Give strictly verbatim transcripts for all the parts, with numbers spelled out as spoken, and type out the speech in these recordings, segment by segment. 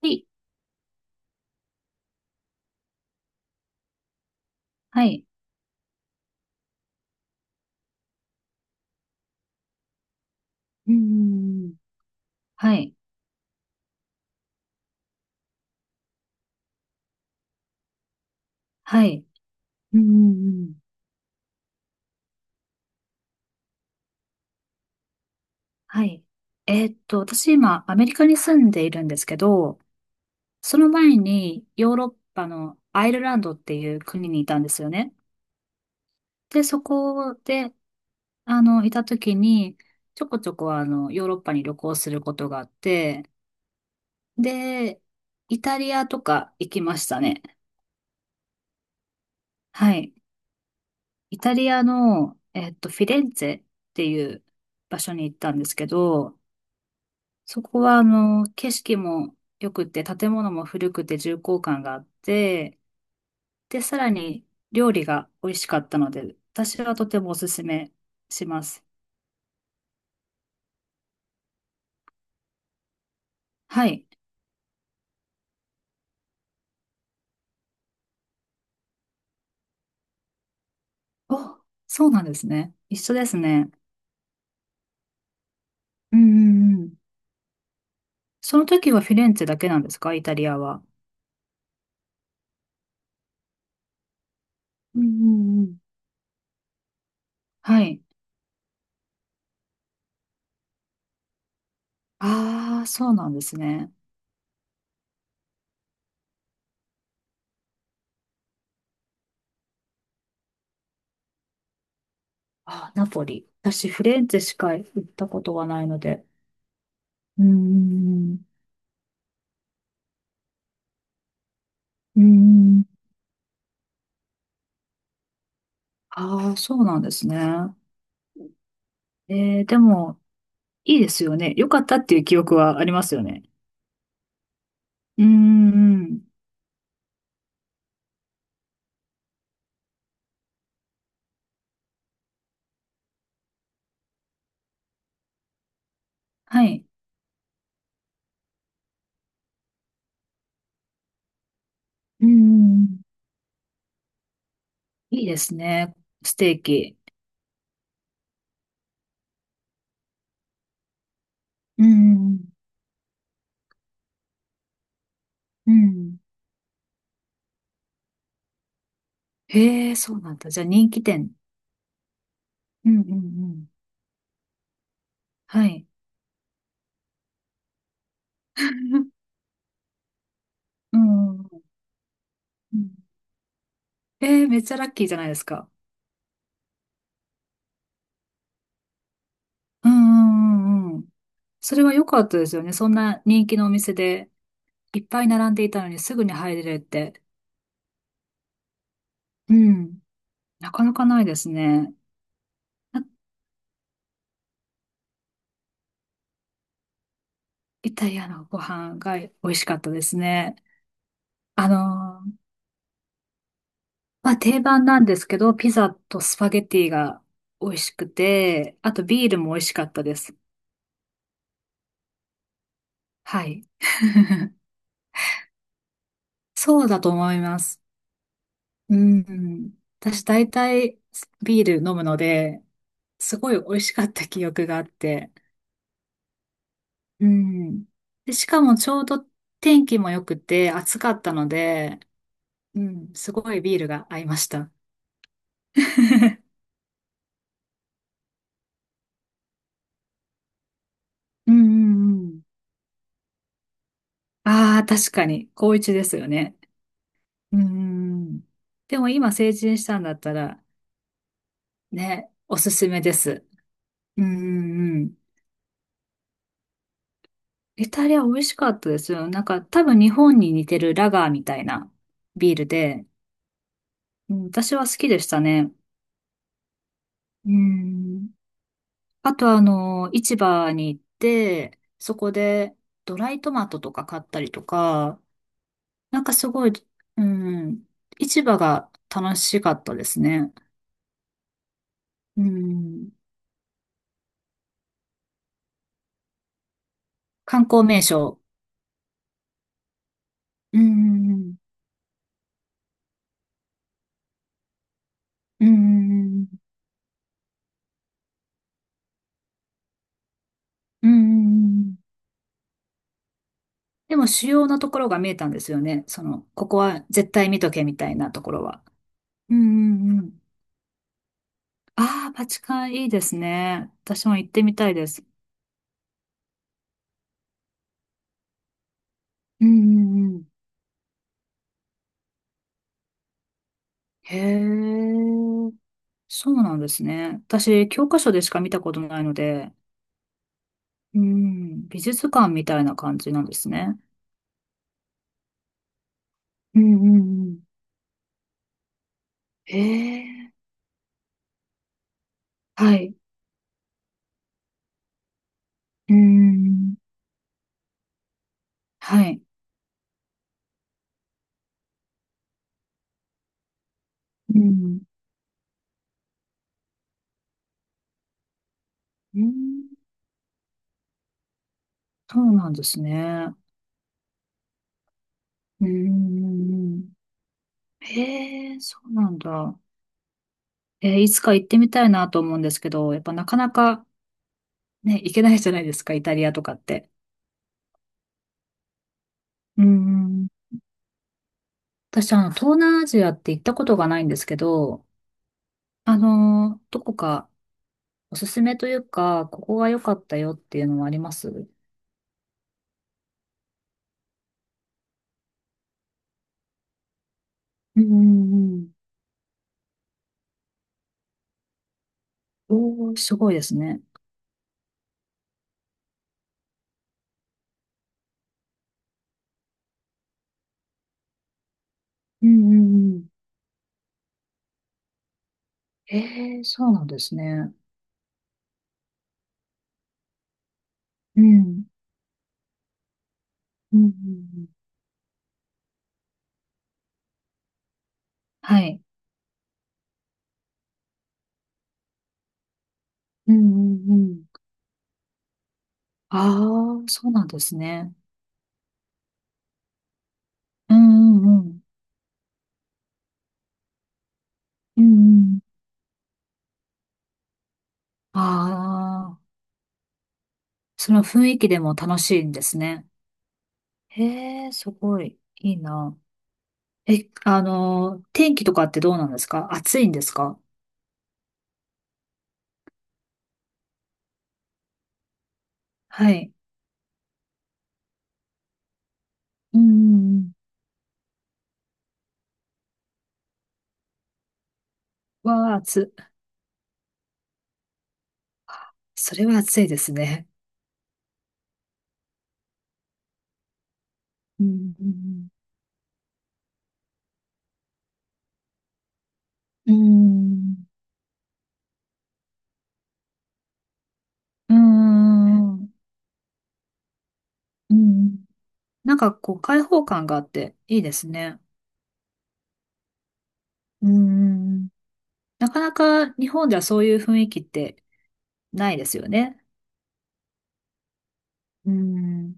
はい。はい。うん。はい。はい。うん。はい。えーっと、私今、アメリカに住んでいるんですけど、その前にヨーロッパのアイルランドっていう国にいたんですよね。で、そこで、あの、いた時に、ちょこちょこあの、ヨーロッパに旅行することがあって、で、イタリアとか行きましたね。はい。イタリアの、えっと、フィレンツェっていう場所に行ったんですけど、そこは、あの、景色も良くて、建物も古くて重厚感があって、で、さらに料理が美味しかったので、私はとてもおすすめします。はい。お、そうなんですね。一緒ですね。うんうんうん。その時はフィレンツェだけなんですか？イタリアは。うんうんうん。はい。ああ、そうなんですね。あー、ナポリ。私、フィレンツェしか行ったことがないので。うんうんうん。うんうん。ああ、そうなんですね。えー、でも、いいですよね。良かったっていう記憶はありますよね。うーん。はい。うーん。いいですね。ステーキ。うーん。うん。へえ、そうなんだ。じゃあ人気店。うんうんうん。はい。うんうんうん。えー、めっちゃラッキーじゃないですか？うんうんうんうん。それは良かったですよね。そんな人気のお店で、いっぱい並んでいたのにすぐに入れるって。うん。なかなかないですね。イタリアのご飯が美味しかったですね。あのー、まあ、定番なんですけど、ピザとスパゲティが美味しくて、あとビールも美味しかったです。はい。そうだと思います。うん。私大体ビール飲むので、すごい美味しかった記憶があって。うん。で、しかもちょうど天気も良くて暑かったので、うん、すごいビールが合いました。うんうんうん。ああ、確かに、こういちですよね。うーん。でも今成人したんだったら、ね、おすすめです。うーん。イタリア美味しかったですよ。なんか多分日本に似てるラガーみたいなビールで、うん、私は好きでしたね。うーん。あとあの、市場に行って、そこでドライトマトとか買ったりとか、なんかすごい、うん、市場が楽しかったですね。うん。観光名所。うん、うん、うん、うん、うん。でも主要なところが見えたんですよね。その、ここは絶対見とけみたいなところは。うん、うん、うん。ああ、バチカンいいですね。私も行ってみたいです。うん、うん、うん。へえ、そうなんですね。私、教科書でしか見たことないので、うん、美術館みたいな感じなんですね。うん、うん、うん。へえ、はい。うん、はい。うんうん、そうなんですね。うーん。へえ、そうなんだ。えーいつか行ってみたいなと思うんですけど、やっぱなかなかね、行けないじゃないですか、イタリアとかって。うん。私、あの、東南アジアって行ったことがないんですけど、あのー、どこかおすすめというか、ここが良かったよっていうのはあります。うんうんうん。おー、すごいですね。うんうんうん。へえ、そうなんですね。うん。うんうんうん。はい。うんうんうん。ああ、そうなんですね。うんうんうん。うんうん。ああ、その雰囲気でも楽しいんですね。へえ、すごい。いいな。え、あの、天気とかってどうなんですか？暑いんですか？はい。うんうんうん。わあ、暑い。それは暑いですね。うんうんうん。うん。うん。うんうん。なんかこう、開放感があっていいですね。うんうん。なかなか日本ではそういう雰囲気ってないですよね。うん。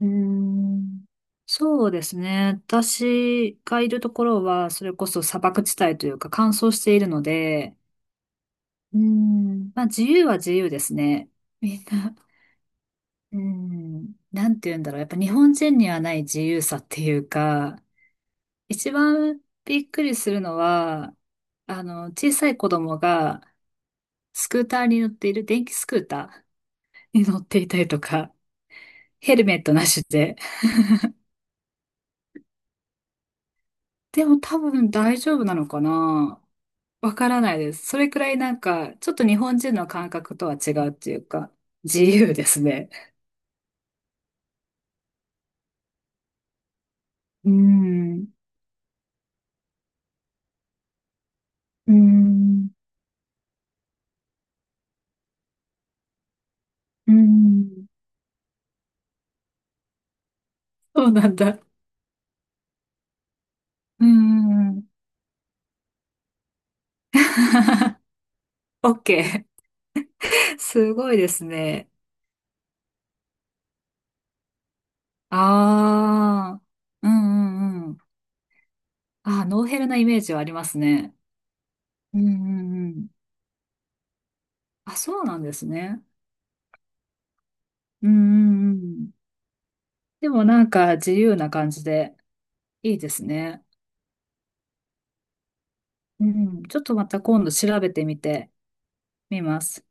うん。そうですね。私がいるところは、それこそ砂漠地帯というか乾燥しているので、うん。まあ自由は自由ですね。みんな、うん、なんて言うんだろう。やっぱ日本人にはない自由さっていうか、一番びっくりするのは、あの、小さい子供がスクーターに乗っている、電気スクーターに乗っていたりとか、ヘルメットなしで。でも多分大丈夫なのかな。わからないです。それくらいなんか、ちょっと日本人の感覚とは違うっていうか、自由ですね。うーん、うーん、うーん。そうなんだ。うーん。オッケー。すごいですね。ああ、うんうんうん。ああ、ノーヘルなイメージはありますね。うんうんうん。あ、そうなんですね。うんうんうん。でもなんか自由な感じで。いいですね。うん。ちょっとまた今度調べてみてみます。